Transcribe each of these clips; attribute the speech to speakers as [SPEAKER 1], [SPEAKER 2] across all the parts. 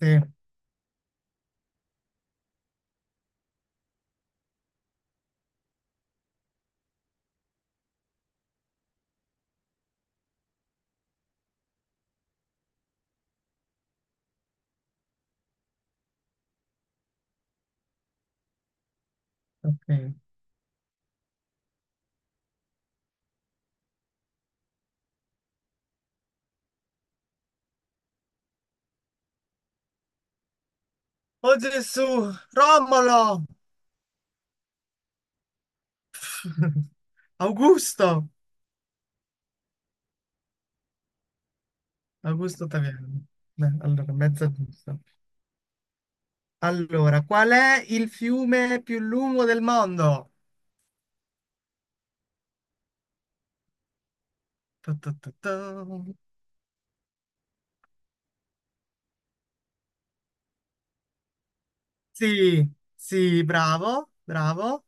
[SPEAKER 1] Sì, ok. Oh Gesù, Romolo! Augusto! Augusto Taviano. Beh, allora, mezzo giusto. Allora, qual è il fiume più lungo del mondo? Tu, tu, tu, tu. Sì, sì, bravo, bravo.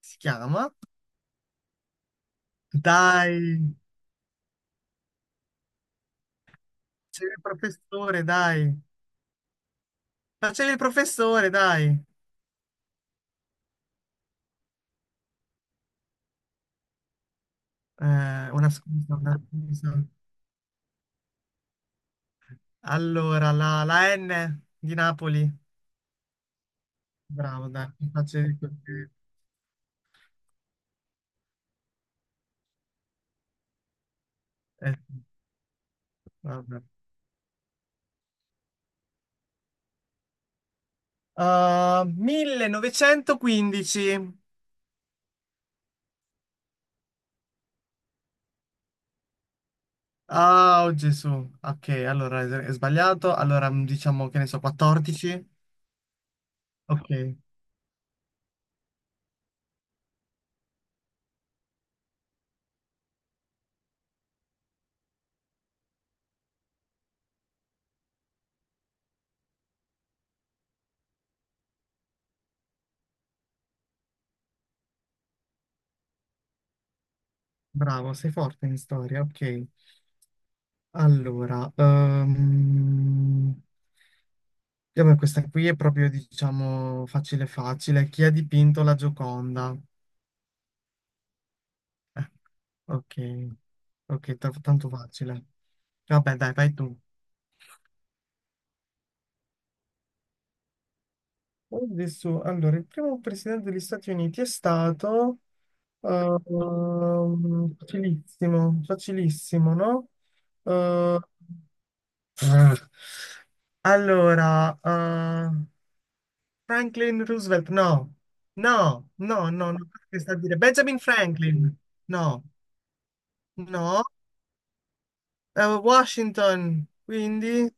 [SPEAKER 1] Si chiama. Dai, facevi il professore, dai. Facevi il professore, dai. Una scusa, una scusa. Allora, la N di Napoli. Bravo, dai, mi facevi così. Eh, vabbè. Ah, 1915. Ah, oh, Gesù. Ok, allora è sbagliato. Allora diciamo che ne so, 14. Ok, bravo, sei forte in storia. Ok, allora vabbè, questa qui è proprio, diciamo, facile, facile. Chi ha dipinto la Gioconda? Eh, ok, ok, tanto facile. Vabbè, dai, vai tu. Adesso, allora, il primo presidente degli Stati Uniti è stato facilissimo, facilissimo, no? Eh, ah, allora, Franklin Roosevelt, no, no, no, no, no, che sta a dire Benjamin Franklin, no, no. Washington, quindi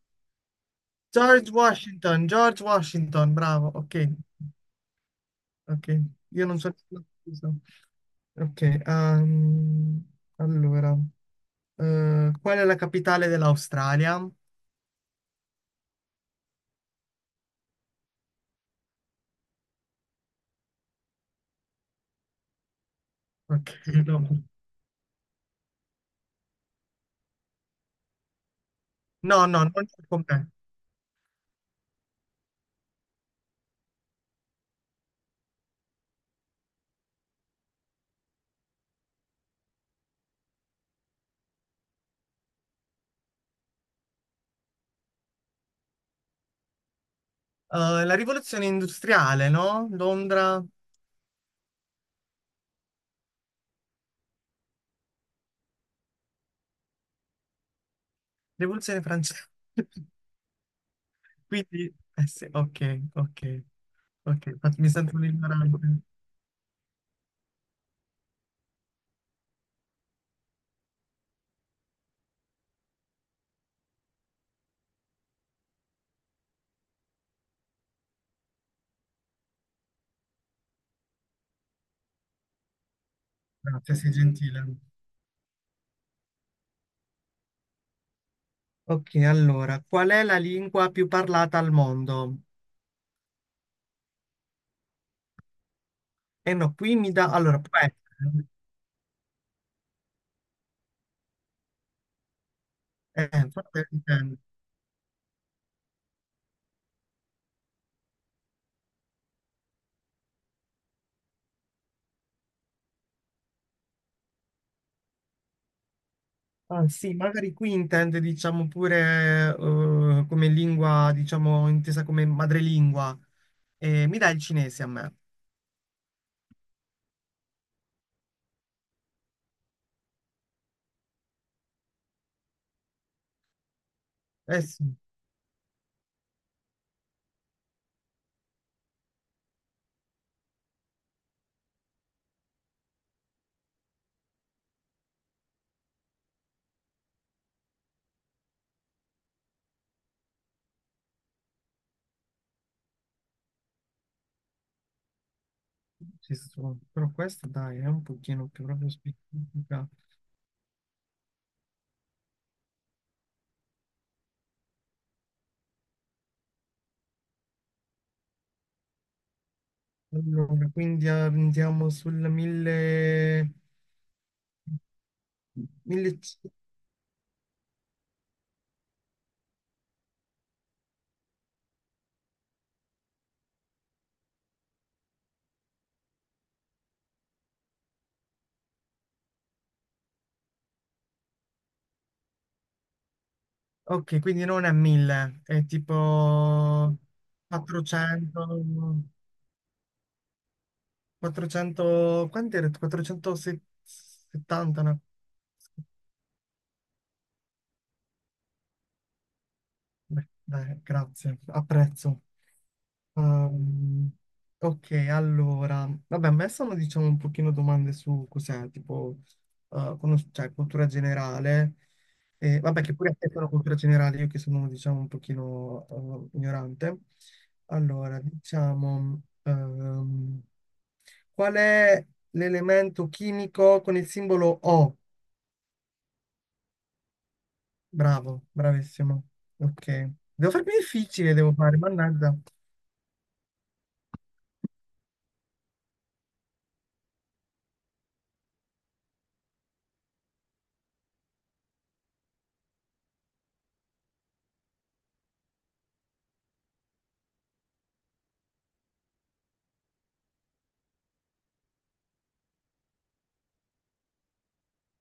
[SPEAKER 1] George Washington, George Washington, bravo, ok, ok, io non so. Ok, allora, qual è la capitale dell'Australia? Ok, no, no, no, non c'è con me. La rivoluzione industriale, no? Londra, rivoluzione francese. Quindi, eh sì, ok, ok, ok, mi sento un ignorante. Grazie, sei gentile. Ok, allora, qual è la lingua più parlata al mondo? Eh no, qui mi dà. Allora, può essere. Forse dipende. Ah, sì, magari qui intende, diciamo, pure come lingua, diciamo, intesa come madrelingua. Mi dai il cinese a me? Eh sì, sì, sì, però questo dai, è un pochino più proprio specifica. Allora, quindi andiamo sul 1000. 1000. Ok, quindi non è 1000, è tipo 400. 400. Quanto era? 470, no? Beh, dai, grazie, apprezzo. Ehm, ok, allora, vabbè, a me sono diciamo un pochino domande su cos'è, tipo, cioè, cultura generale, e, vabbè, che pure affettano cultura generale, io che sono diciamo un pochino ignorante. Allora, diciamo, qual è l'elemento chimico con il simbolo O? Bravo, bravissimo. Ok. Devo farmi difficile, devo fare, mannaggia.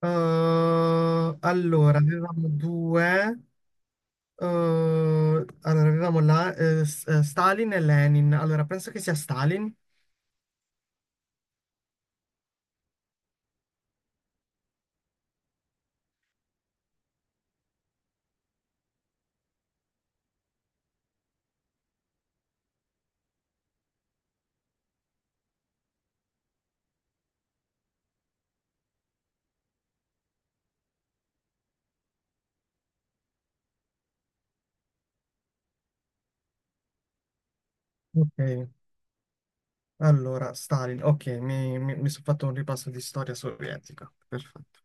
[SPEAKER 1] Allora, avevamo due. eh, allora, avevamo Stalin e Lenin. Allora, penso che sia Stalin. Ok, allora, Stalin. Ok, mi sono fatto un ripasso di storia sovietica. Perfetto.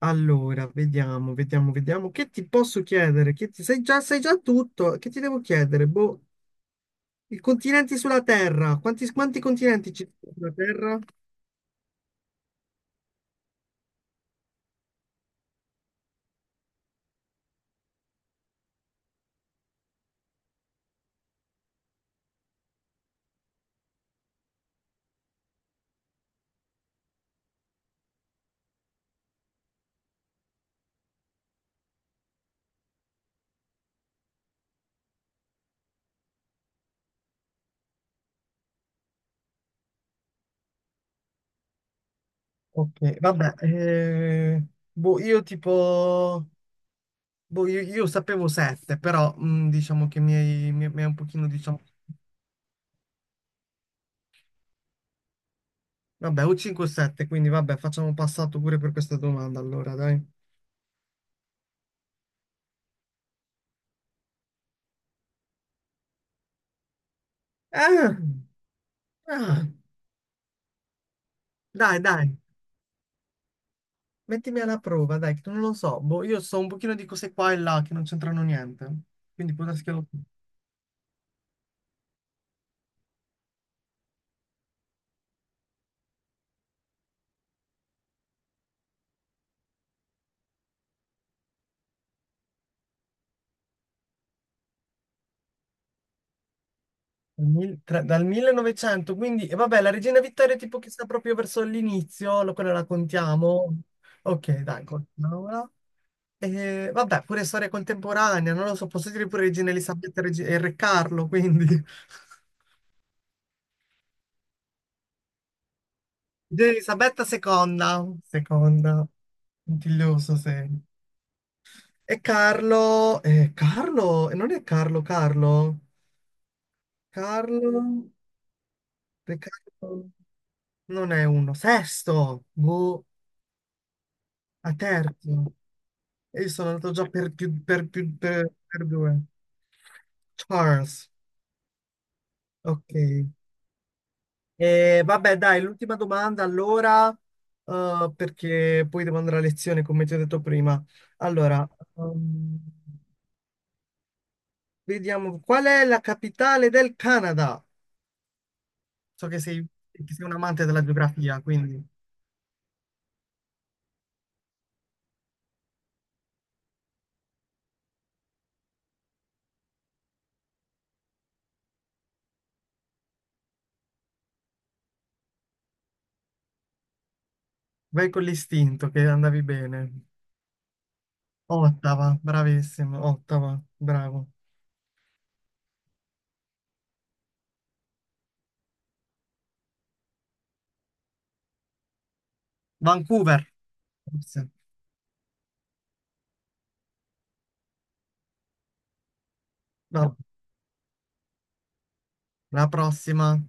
[SPEAKER 1] Allora, vediamo, vediamo, vediamo. Che ti posso chiedere? Che ti, sai già tutto. Che ti devo chiedere? Boh, i continenti sulla Terra. Quanti continenti ci sono sulla Terra? Ok, vabbè. Boh, io tipo. Boh, io sapevo 7, però diciamo che mi hai un pochino, diciamo. Vabbè, o 5 o 7, quindi vabbè, facciamo passato pure per questa domanda allora, dai. Ah, ah, dai, dai, mettimi alla prova, dai, che non lo so. Boh, io so un pochino di cose qua e là che non c'entrano niente. Quindi può darsi che lo. Dal 1900, quindi. E vabbè, la Regina Vittoria tipo che sta proprio verso l'inizio, quella la contiamo. Ok, dai, continuiamo. E, vabbè, pure storia contemporanea, non lo so, posso dire pure Regina Elisabetta e Re Carlo, quindi Regina Elisabetta seconda, seconda, puntiglioso se. E Carlo, Carlo, non è Carlo, Carlo, Carlo, Re Carlo, non è uno, sesto, boh, a terzo, e io sono andato già per più, per più, per due, Charles, ok. E vabbè, dai, l'ultima domanda allora, perché poi devo andare a lezione, come ti ho detto prima. Allora, ehm, vediamo, qual è la capitale del Canada? So che sei un amante della geografia, quindi vai con l'istinto che andavi bene. Ottawa, bravissimo, Ottawa, bravo. Vancouver, forse. No, la prossima.